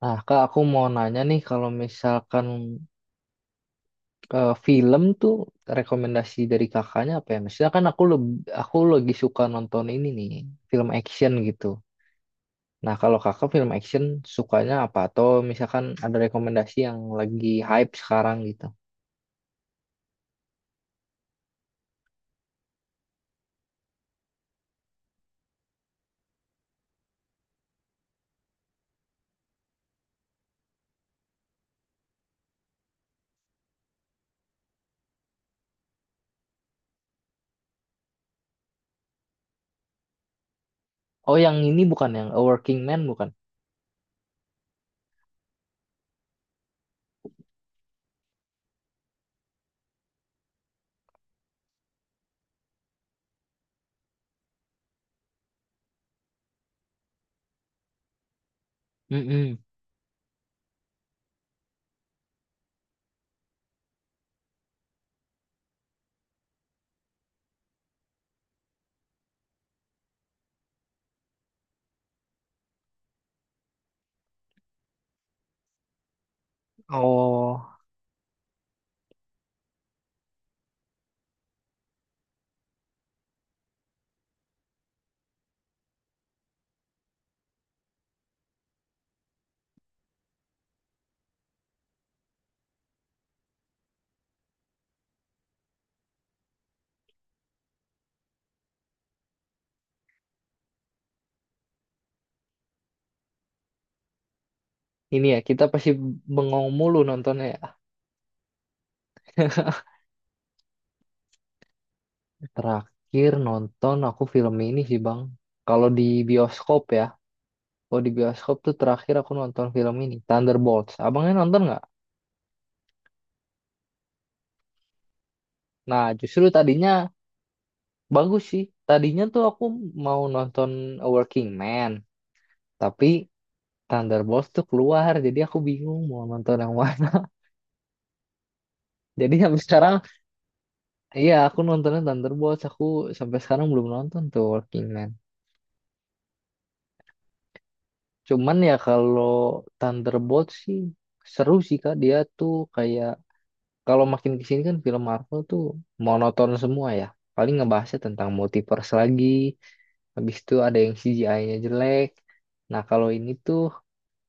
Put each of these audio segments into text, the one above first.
Nah, Kak, aku mau nanya nih, kalau misalkan film tuh rekomendasi dari kakaknya apa ya? Misalnya kan aku lebih, aku lagi suka nonton ini nih, film action gitu. Nah, kalau kakak film action sukanya apa? Atau misalkan ada rekomendasi yang lagi hype sekarang gitu. Oh, yang ini bukan yang A Working Man bukan? Mm-mm. Oh, ini ya, kita pasti bengong mulu nontonnya ya. Terakhir nonton aku film ini sih, Bang. Kalau di bioskop ya. Oh di bioskop tuh terakhir aku nonton film ini Thunderbolts. Abangnya nonton nggak? Nah justru tadinya bagus sih. Tadinya tuh aku mau nonton A Working Man, tapi Thunderbolts tuh keluar, jadi aku bingung mau nonton yang mana. Jadi sampai sekarang, iya aku nontonnya Thunderbolts. Aku sampai sekarang belum nonton tuh Working Man. Cuman ya kalau Thunderbolts sih seru sih kak. Dia tuh kayak kalau makin kesini kan film Marvel tuh monoton semua ya. Paling ngebahasnya tentang multiverse lagi, habis itu ada yang CGI-nya jelek. Nah kalau ini tuh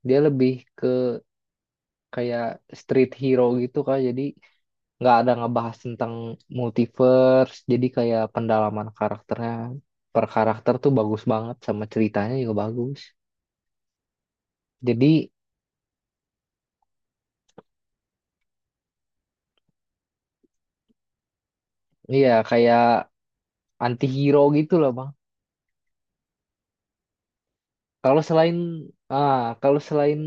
dia lebih ke kayak street hero gitu kan, jadi nggak ada ngebahas tentang multiverse, jadi kayak pendalaman karakternya per karakter tuh bagus banget sama ceritanya juga bagus. Jadi iya kayak anti hero gitu loh bang. Kalau selain kalau selain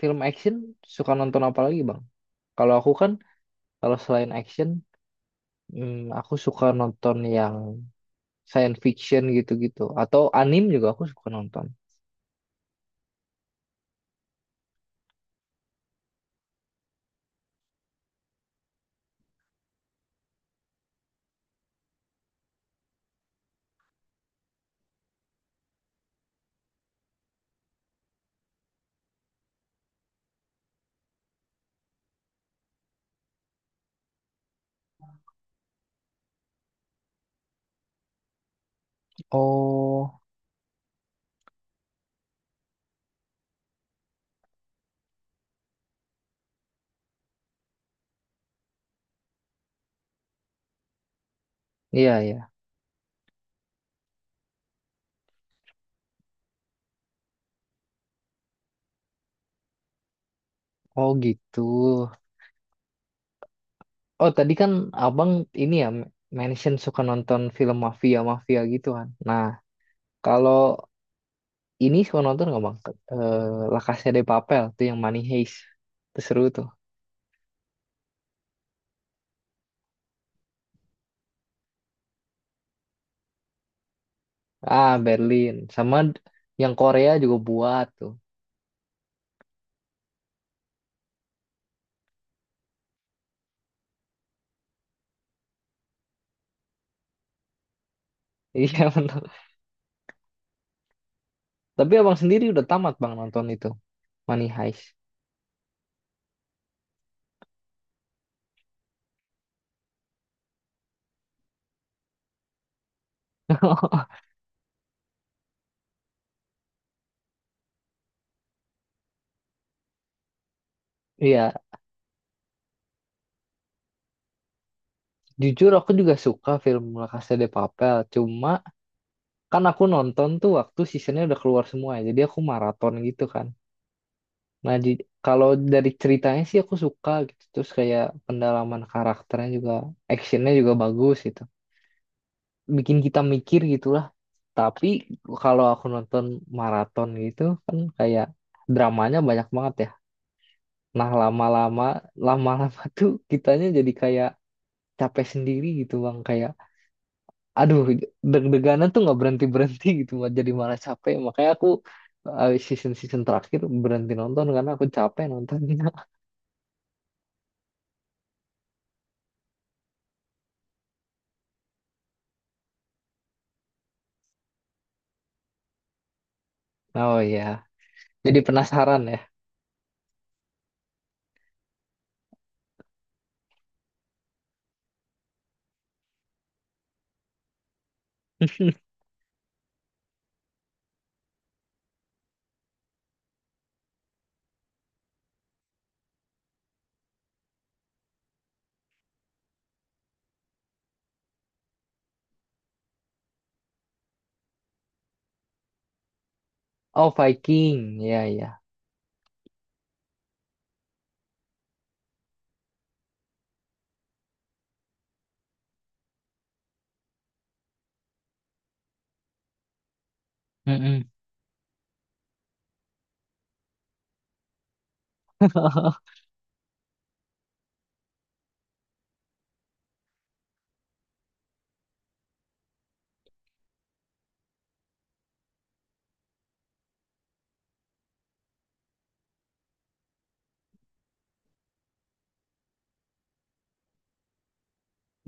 film action suka nonton apa lagi bang? Kalau aku kan kalau selain action, aku suka nonton yang science fiction gitu-gitu atau anim juga aku suka nonton. Oh, iya iya. Oh gitu. Oh tadi kan abang ini ya mention suka nonton film mafia mafia gitu kan. Nah kalau ini suka nonton nggak bang? Eh, La Casa de Papel tuh yang Money Heist. Itu seru tuh. Ah, Berlin. Sama yang Korea juga buat tuh. Iya, benar. Tapi abang sendiri udah tamat bang nonton itu. Money Heist. Iya, jujur aku juga suka film La Casa de Papel. Cuma kan aku nonton tuh waktu seasonnya udah keluar semua ya. Jadi aku maraton gitu kan. Kalau dari ceritanya sih aku suka gitu. Terus kayak pendalaman karakternya juga, actionnya juga bagus gitu. Bikin kita mikir gitulah. Tapi kalau aku nonton maraton gitu kan kayak dramanya banyak banget ya. Nah lama-lama, tuh kitanya jadi kayak capek sendiri gitu bang. Kayak aduh deg-deganan tuh nggak berhenti-berhenti gitu. Bang. Jadi malah capek. Makanya aku season-season terakhir berhenti nonton karena aku capek nontonnya. Oh iya, jadi penasaran ya. Oh Viking, ya ya. Mm-mm.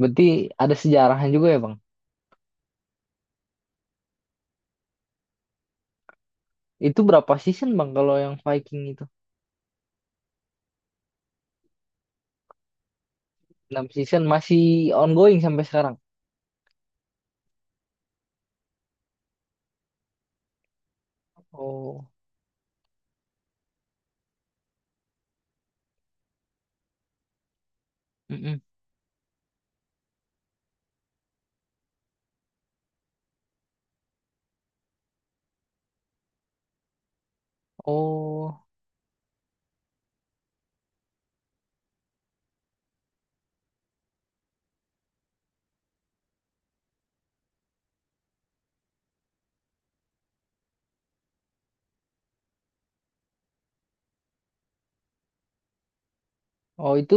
Berarti ada sejarahnya juga ya bang. Itu berapa season bang kalau yang Viking itu? Enam season masih ongoing sampai sekarang. Oh, mm-mm. Oh, oh itu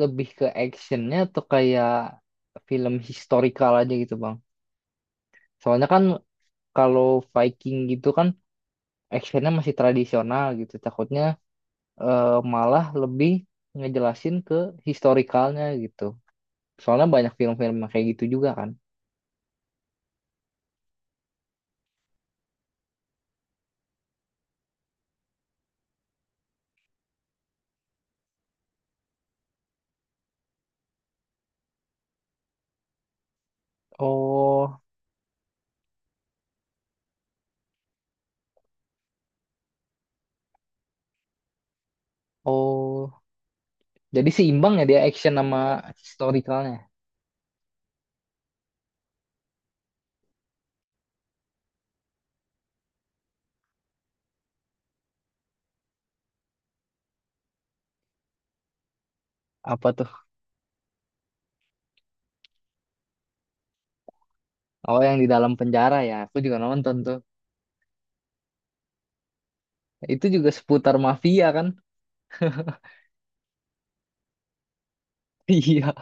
lebih ke actionnya atau kayak film historical aja gitu bang. Soalnya kan kalau Viking gitu kan actionnya masih tradisional gitu. Takutnya malah lebih ngejelasin ke historicalnya gitu. Soalnya banyak film-film yang kayak gitu juga kan. Oh, oh, jadi seimbang ya dia action sama historicalnya. Apa tuh? Oh, yang di dalam penjara ya. Aku juga nonton tuh. Itu juga seputar mafia kan? Iya.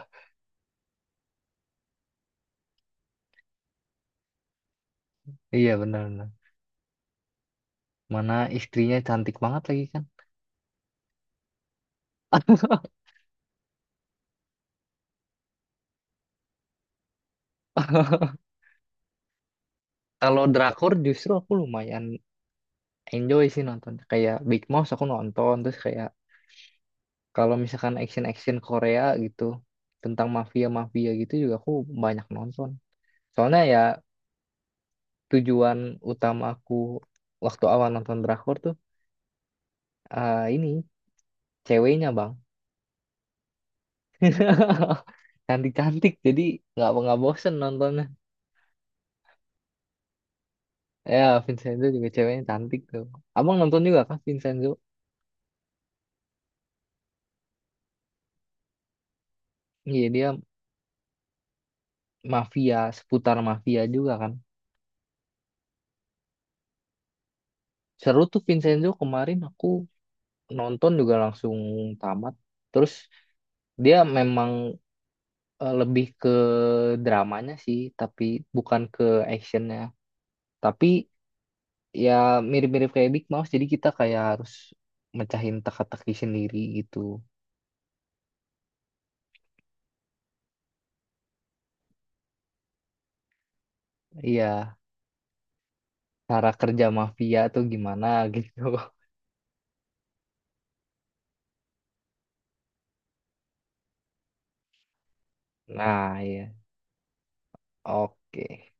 Iya, benar-benar. Mana istrinya cantik banget lagi kan? Kalau drakor justru aku lumayan enjoy sih nonton. Kayak Big Mouse aku nonton. Terus kayak kalau misalkan action-action Korea gitu. Tentang mafia-mafia gitu juga aku banyak nonton. Soalnya ya tujuan utama aku waktu awal nonton drakor tuh ini ceweknya bang. Cantik-cantik, jadi nggak bosen nontonnya. Ya, Vincenzo juga ceweknya cantik tuh. Abang nonton juga kan Vincenzo? Iya, dia mafia, seputar mafia juga kan. Seru tuh Vincenzo kemarin aku nonton juga langsung tamat. Terus dia memang lebih ke dramanya sih, tapi bukan ke actionnya. Tapi ya mirip-mirip kayak Big Mouth, jadi kita kayak harus mecahin teka-teki sendiri gitu. Iya, cara kerja mafia tuh gimana gitu. Nah, iya. Oke.